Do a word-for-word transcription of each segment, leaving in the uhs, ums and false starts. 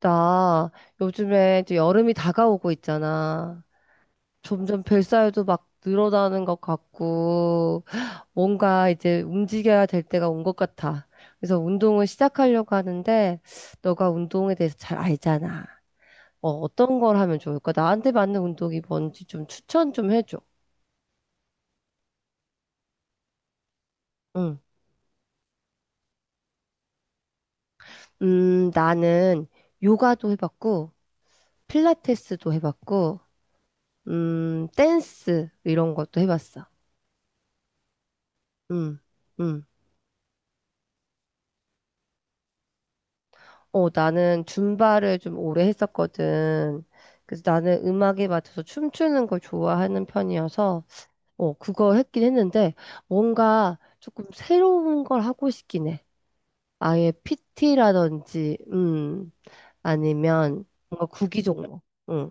나 요즘에 이제 여름이 다가오고 있잖아. 점점 뱃살도 막 늘어나는 것 같고, 뭔가 이제 움직여야 될 때가 온 것 같아. 그래서 운동을 시작하려고 하는데, 너가 운동에 대해서 잘 알잖아. 어, 어떤 걸 하면 좋을까? 나한테 맞는 운동이 뭔지 좀 추천 좀 해줘. 응. 음, 나는 요가도 해봤고, 필라테스도 해봤고, 음, 댄스 이런 것도 해봤어. 응, 응. 어, 나는 줌바를 좀 오래 했었거든. 그래서 나는 음악에 맞춰서 춤추는 걸 좋아하는 편이어서, 어, 그거 했긴 했는데, 뭔가 조금 새로운 걸 하고 싶긴 해. 아예 피티라든지, 음, 아니면 뭔가 구기 종목. 응,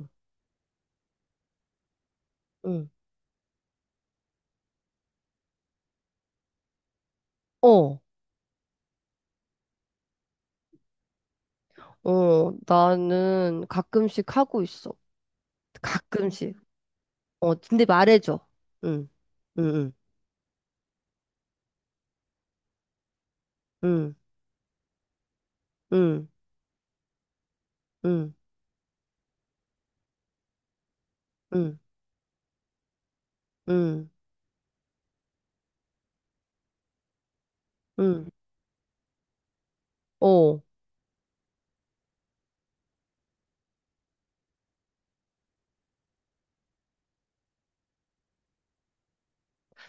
응. 어, 어, 나는 가끔씩 하고 있어. 가끔씩. 어, 근데 말해줘. 응, 응, 응, 응, 응, 응, 응, 응, 응. 어.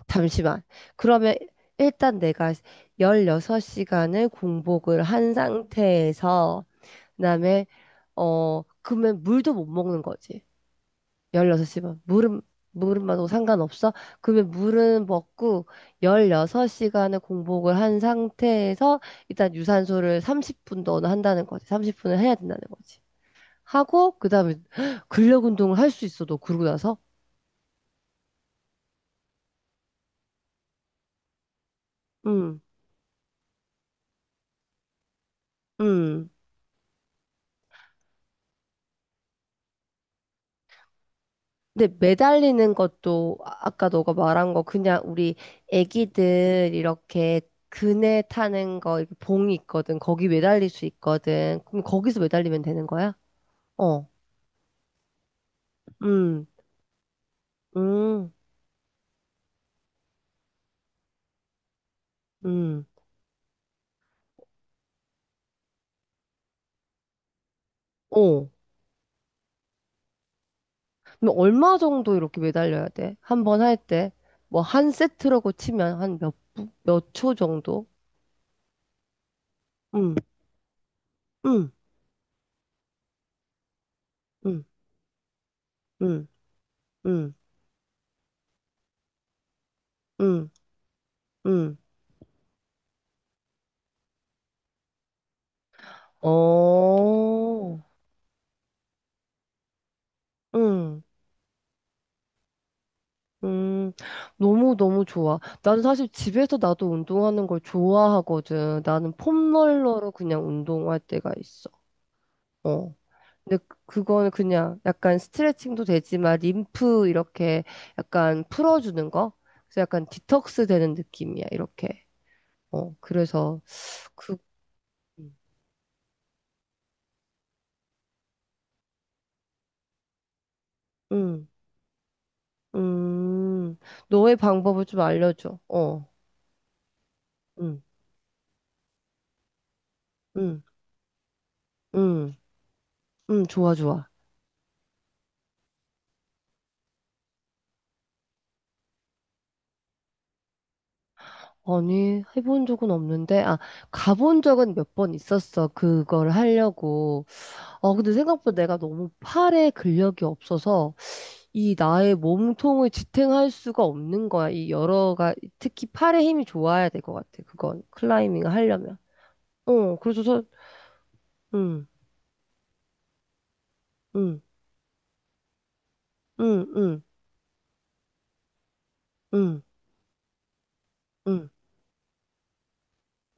잠시만. 그러면 일단 내가 열여섯 시간을 공복을 한 상태에서, 그다음에, 어, 그러면 물도 못 먹는 거지. 열여섯 시간. 물은, 물은 마도 상관없어? 그러면 물은 먹고 열여섯 시간을 공복을 한 상태에서 일단 유산소를 삼십 분 너는 한다는 거지. 삼십 분을 해야 된다는 거지. 하고, 그다음에 근력 운동을 할 수 있어, 너 그러고 나서? 응, 응. 근데 매달리는 것도 아- 아까 너가 말한 거 그냥 우리 애기들 이렇게 그네 타는 거 이렇게 봉이 있거든. 거기 매달릴 수 있거든. 그럼 거기서 매달리면 되는 거야? 어. 음. 음. 음. 어. 그럼 얼마 정도 이렇게 매달려야 돼? 한번 할 때? 뭐 한 세트라고 치면 한 몇, 분- 몇초 정도? 음. 음. 음. 음. 음. 음. 음. 어. 음. 음, 너무너무 좋아. 나는 사실 집에서 나도 운동하는 걸 좋아하거든. 나는 폼롤러로 그냥 운동할 때가 있어. 어. 근데 그- 그거는 그냥 약간 스트레칭도 되지만 림프 이렇게 약간 풀어주는 거? 그래서 약간 디톡스 되는 느낌이야, 이렇게. 어, 그래서 그, 음, 음, 너의 방법을 좀 알려줘. 어, 음, 음, 음, 음, 좋아, 좋아. 아니, 해본 적은 없는데, 아, 가본 적은 몇 번 있었어. 그걸 하려고. 어, 근데 생각보다 내가 너무 팔에 근력이 없어서 이 나의 몸통을 지탱할 수가 없는 거야. 이 여러가, 특히 팔에 힘이 좋아야 될 것 같아. 그건, 클라이밍을 하려면. 어, 그래서, 저- 음, 음, 음, 음, 음, 음,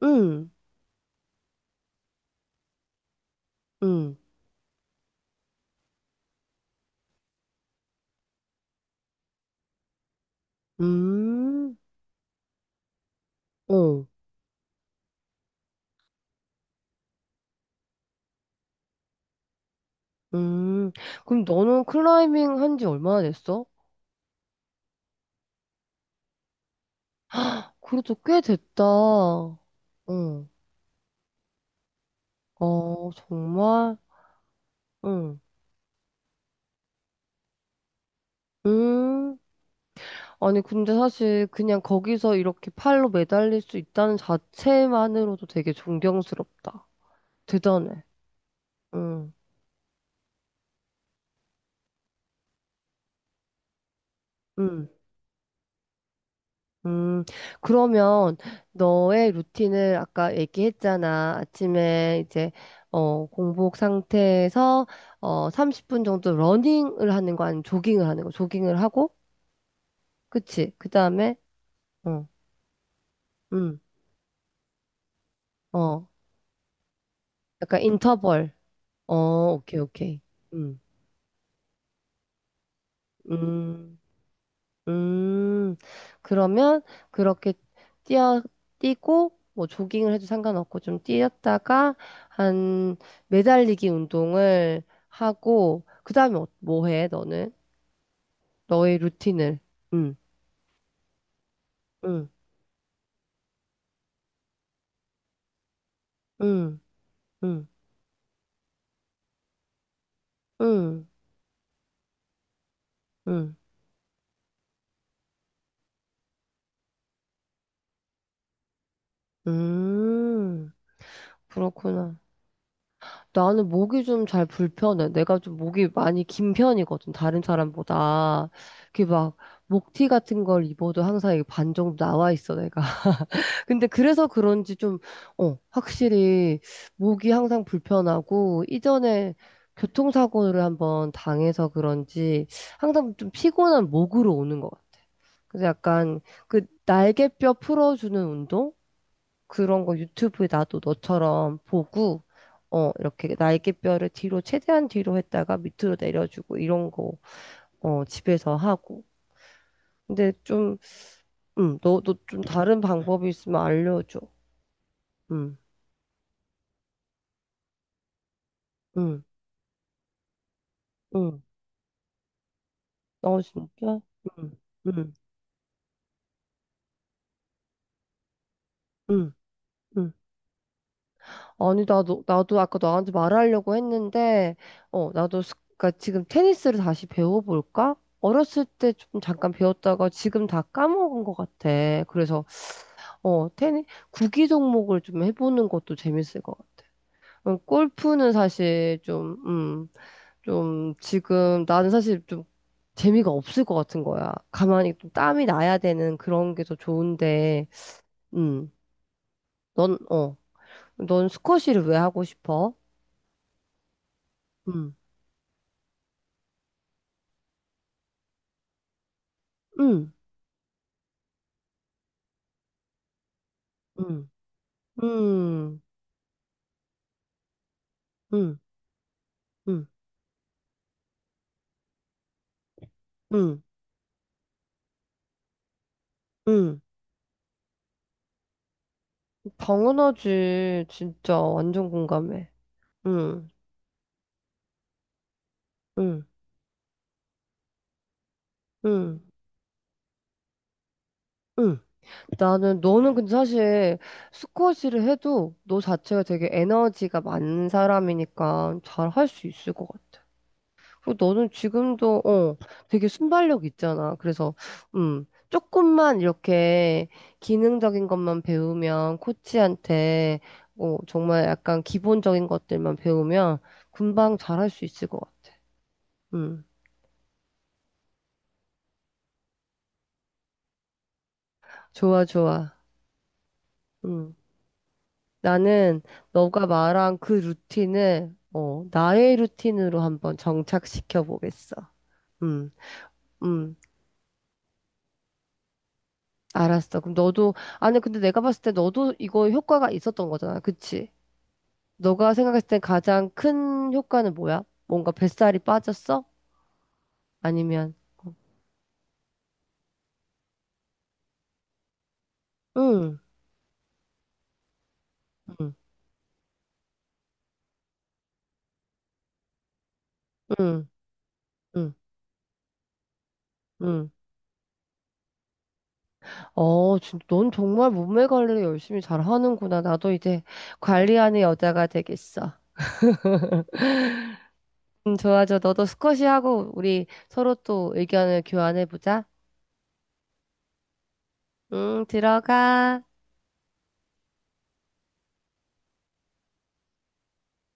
음, 음, 음, 어, 음. 그럼 너는 클라이밍 한지 얼마나 됐어? 그래도 꽤 됐다. 응, 어, 정말? 응. 음. 아니, 근데 사실 그냥 거기서 이렇게 팔로 매달릴 수 있다는 자체만으로도 되게 존경스럽다. 대단해. 응, 응, 음. 그러면 너의 루틴을 아까 얘기했잖아. 아침에 이제, 어, 공복 상태에서, 어, 삼십 분 정도 러닝을 하는 거 아니면 조깅을 하는 거. 조깅을 하고, 그치? 그 다음에, 어, 응, 어. 약간 인터벌. 어, 오케이, 오케이. 음, 음, 음. 그러면 그렇게 뛰어, 뛰고, 뭐 조깅을 해도 상관없고 좀 뛰었다가 한 매달리기 운동을 하고, 그 다음에 뭐 해, 너는? 너의 루틴을. 음, 음, 음, 음, 음, 음, 음. 그렇구나. 나는 목이 좀 잘 불편해. 내가 좀 목이 많이 긴 편이거든, 다른 사람보다. 그게 막, 목티 같은 걸 입어도 항상 이게 반 정도 나와 있어, 내가. 근데 그래서 그런지 좀, 어, 확실히 목이 항상 불편하고, 이전에 교통사고를 한번 당해서 그런지 항상 좀 피곤한 목으로 오는 것 같아. 그래서 약간 그 날개뼈 풀어주는 운동? 그런 거 유튜브에 나도 너처럼 보고, 어, 이렇게 날개뼈를 뒤로, 최대한 뒤로 했다가 밑으로 내려주고, 이런 거, 어, 집에서 하고. 근데 좀, 음, 너도 좀 다른 방법이 있으면 알려줘. 음, 음, 음. 어, 진짜? 음, 음, 음, 음. 아니, 나도, 나도 아까 너한테 말하려고 했는데, 어, 나도, 스- 그러니까 지금 테니스를 다시 배워볼까? 어렸을 때 좀 잠깐 배웠다가 지금 다 까먹은 것 같아. 그래서 어, 테니, 구기 종목을 좀 해보는 것도 재밌을 것 같아. 음, 골프는 사실 좀, 음, 좀 지금 나는 사실 좀 재미가 없을 것 같은 거야. 가만히 좀 땀이 나야 되는 그런 게 더 좋은데, 음, 넌, 어, 넌 스쿼시를 왜 하고 싶어? 음, 음, 음, 음, 음, 음, 음, 음. 당연하지. 진짜 완전 공감해. 음, 음, 음, 음. 나는 너는 근데 사실 스쿼시를 해도 너 자체가 되게 에너지가 많은 사람이니까 잘 할 수 있을 것 같아. 그리고 너는 지금도 어 되게 순발력 있잖아. 그래서 음 조금만 이렇게 기능적인 것만 배우면 코치한테 어 정말 약간 기본적인 것들만 배우면 금방 잘 할 수 있을 것 같아. 음 좋아 좋아. 음. 나는 너가 말한 그 루틴을 어, 나의 루틴으로 한번 정착시켜 보겠어. 음, 음, 알았어. 그럼 너도 아니 근데 내가 봤을 때 너도 이거 효과가 있었던 거잖아, 그치? 너가 생각했을 때 가장 큰 효과는 뭐야? 뭔가 뱃살이 빠졌어? 아니면 응, 응, 응, 응, 응. 어, 진짜 넌 정말 몸매 관리를 열심히 잘 하는구나. 나도 이제 관리하는 여자가 되겠어. 음, 좋아 너도 스쿼시 하고 우리 서로 또 의견을 교환해보자. 응, 들어가.